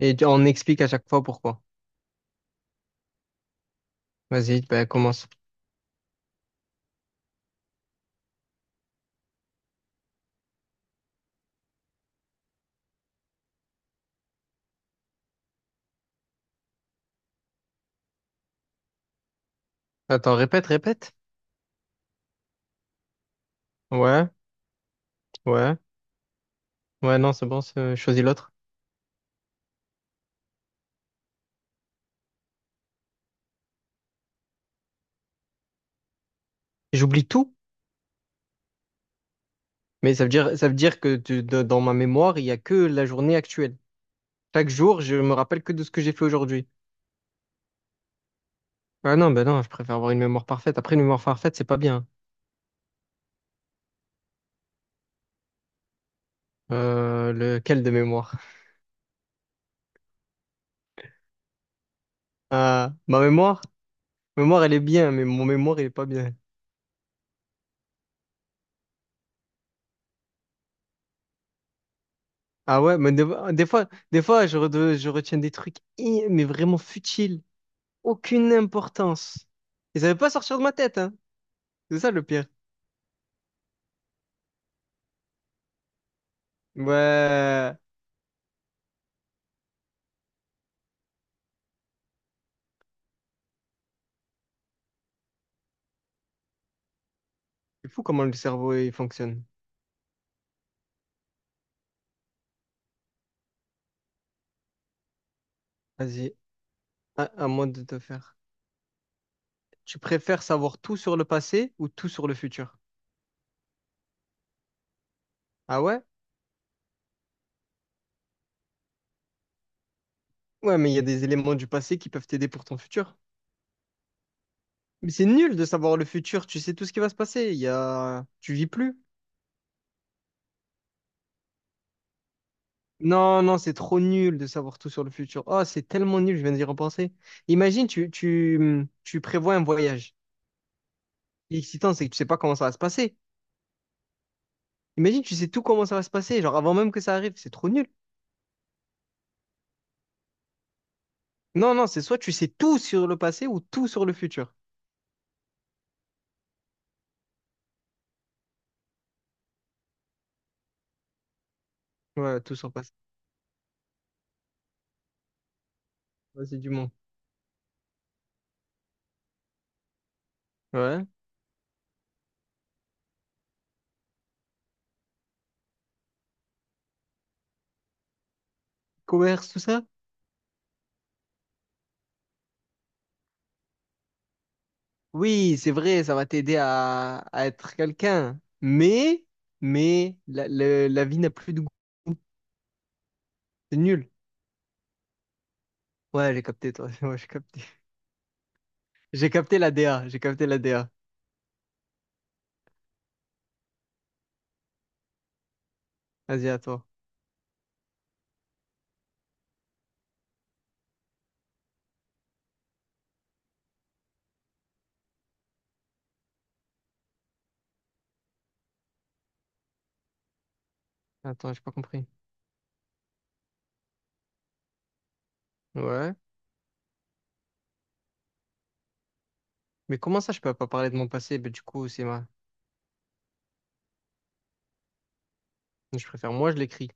Et on explique à chaque fois pourquoi. Vas-y, commence. Attends, répète. Ouais, ouais, ouais, non, c'est bon, choisis l'autre. J'oublie tout, mais ça veut dire que dans ma mémoire, il y a que la journée actuelle. Chaque jour, je me rappelle que de ce que j'ai fait aujourd'hui. Ah non, bah non, je préfère avoir une mémoire parfaite. Après, une mémoire parfaite, c'est pas bien. Lequel de mémoire? Ah, ma mémoire? Mémoire, elle est bien, mais mon mémoire, il est pas bien. Ah ouais, mais des fois, je retiens des trucs, eh, mais vraiment futiles. Aucune importance. Ils savaient pas sortir de ma tête, hein. C'est ça le pire. Ouais. C'est fou comment le cerveau il fonctionne. Vas-y, à moi de te faire. Tu préfères savoir tout sur le passé ou tout sur le futur? Ah ouais? Ouais, mais il y a des éléments du passé qui peuvent t'aider pour ton futur. Mais c'est nul de savoir le futur, tu sais tout ce qui va se passer. Il y a... Tu vis plus. Non, non, c'est trop nul de savoir tout sur le futur. Oh, c'est tellement nul, je viens d'y repenser. Imagine, tu prévois un voyage. L'excitant, c'est que tu sais pas comment ça va se passer. Imagine, tu sais tout comment ça va se passer, genre avant même que ça arrive, c'est trop nul. Non, non, c'est soit tu sais tout sur le passé ou tout sur le futur. Ouais, tout sur le passé. Vas-y, du monde. Ouais. Commerce, tout ça? Oui, c'est vrai, ça va t'aider à être quelqu'un. Mais, la vie n'a plus de goût. C'est nul. Ouais, j'ai capté, toi. Ouais, j'ai capté. J'ai capté la DA, j'ai capté la DA. Vas-y, à toi. Attends, j'ai pas compris. Ouais. Mais comment ça, je peux pas parler de mon passé? Bah, du coup, c'est ma... Je préfère, moi, je l'écris.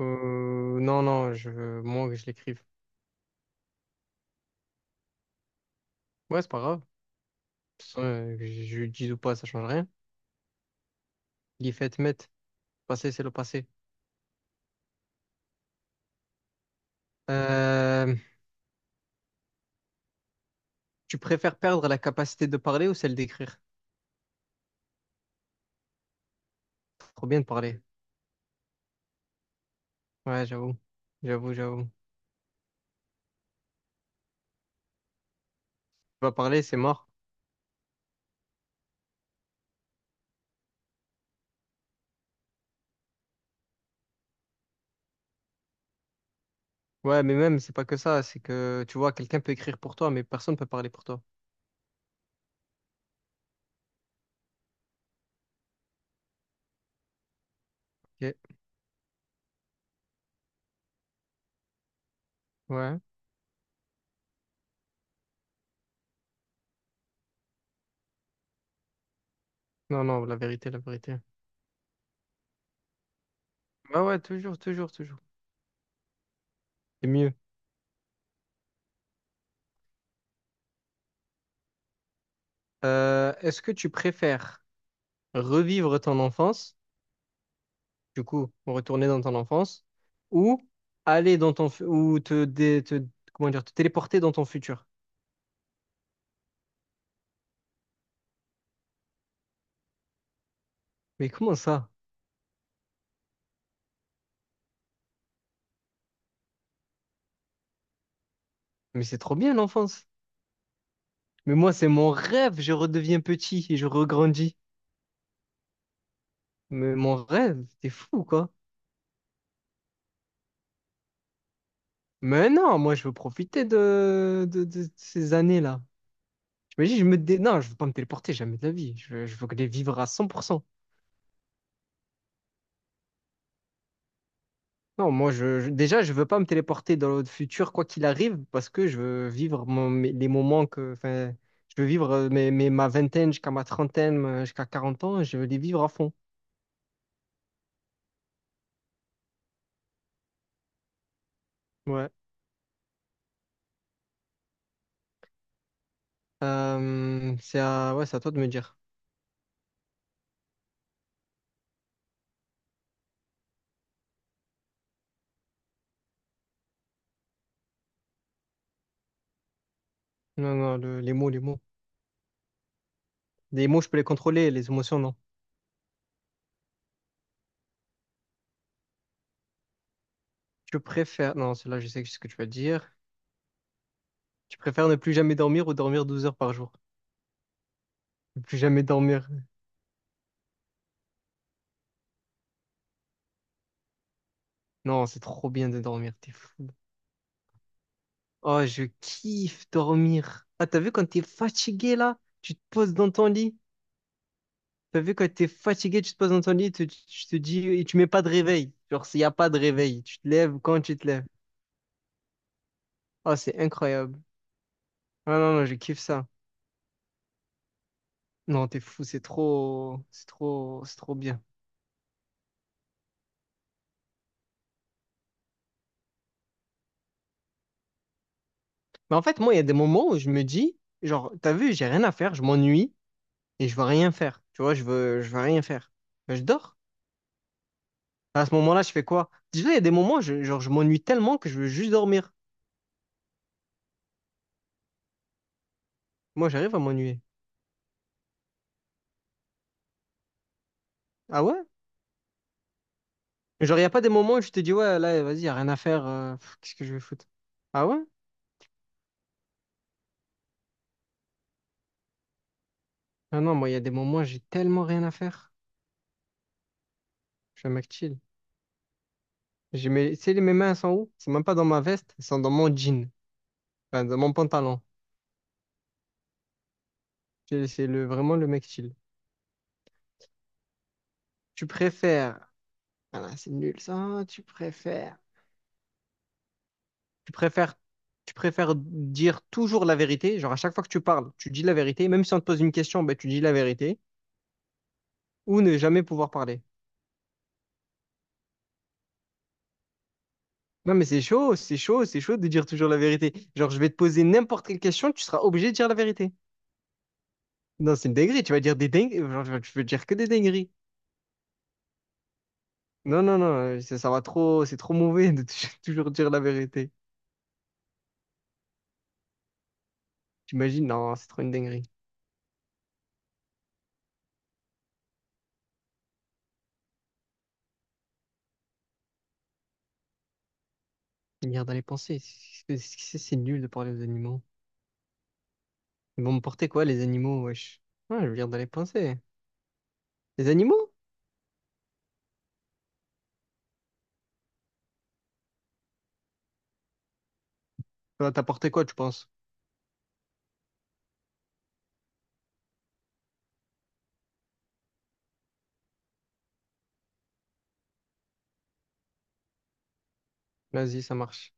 Non, non, je veux moins que je l'écrive. Ouais, c'est pas grave. Que je le dise ou pas, ça change rien. Les faits mettent. Passé, c'est le passé. Euh, tu préfères perdre la capacité de parler ou celle d'écrire? Trop bien de parler. Ouais, j'avoue. J'avoue, j'avoue. Pas parler, c'est mort. Ouais, mais même, c'est pas que ça. C'est que, tu vois, quelqu'un peut écrire pour toi, mais personne peut parler pour toi. Ok. Ouais. Non, non, la vérité, la vérité. Ouais, ouais, toujours, toujours, toujours. C'est mieux. Est-ce que tu préfères revivre ton enfance? Du coup, retourner dans ton enfance, ou aller dans ton, fu- ou te, dé- te- comment dire, te téléporter dans ton futur. Mais comment ça? Mais c'est trop bien l'enfance. Mais moi, c'est mon rêve, je redeviens petit et je regrandis. Mais mon rêve, t'es fou, quoi. Mais non, moi, je veux profiter de ces années-là. J'imagine, je me dé... Non, je veux pas me téléporter jamais de la vie. Je veux les vivre à 100%. Non, moi, déjà, je veux pas me téléporter dans le futur, quoi qu'il arrive, parce que je veux vivre les moments que, enfin, je veux vivre ma vingtaine jusqu'à ma trentaine, jusqu'à 40 ans, je veux les vivre à fond. Ouais. Ouais, c'est à toi de me dire. Non, non, les mots, les mots. Les mots, je peux les contrôler, les émotions, non. Tu préfères, non, celle-là, je sais ce que tu vas dire. Tu préfères ne plus jamais dormir ou dormir 12 heures par jour? Ne plus jamais dormir. Non, c'est trop bien de dormir, t'es fou. Oh, je kiffe dormir. Ah, t'as vu quand t'es fatigué là, tu te poses dans ton lit. T'as vu quand t'es fatigué, tu te poses dans ton lit, tu te dis, et tu mets pas de réveil. Genre, s'il y a pas de réveil, tu te lèves quand tu te lèves. Oh, c'est incroyable. Ah non, non, je kiffe ça. Non, t'es fou, c'est trop bien. Mais en fait, moi, il y a des moments où je me dis, genre, t'as vu, j'ai rien à faire, je m'ennuie et je veux rien faire. Tu vois, je veux rien faire. Ben, je dors. À ce moment-là, je fais quoi? Déjà, il y a des moments, genre, je m'ennuie tellement que je veux juste dormir. Moi, j'arrive à m'ennuyer. Ah ouais? Genre, il a pas des moments où je te dis, ouais, là, vas-y, y a rien à faire, pff, qu'est-ce que je vais foutre? Ah ouais? Ah non, moi, il y a des moments où j'ai tellement rien à faire. Je suis un mec chill. J'ai mes, tu sais, mes mains, elles sont où? C'est même pas dans ma veste, elles sont dans mon jean, enfin, dans mon pantalon. C'est le, vraiment le mec chill. Tu préfères, ah là, c'est nul ça, tu préfères, tu préfères, tu préfères dire toujours la vérité, genre à chaque fois que tu parles, tu dis la vérité, même si on te pose une question, ben, tu dis la vérité, ou ne jamais pouvoir parler. Non, mais c'est chaud de dire toujours la vérité. Genre, je vais te poser n'importe quelle question, tu seras obligé de dire la vérité. Non, c'est une dinguerie, tu vas dire des dingueries, genre, tu vas dire que des dingueries. Non, non, non, ça va trop, c'est trop mauvais de toujours dire la vérité. T'imagines, non, c'est trop une dinguerie. Une Merde à les penser, c'est nul de parler aux animaux. Ils vont me porter quoi, les animaux, wesh? Ouais, je viens d'aller penser. Les animaux? Ça va t'apporter quoi, tu penses? Vas-y, ça marche.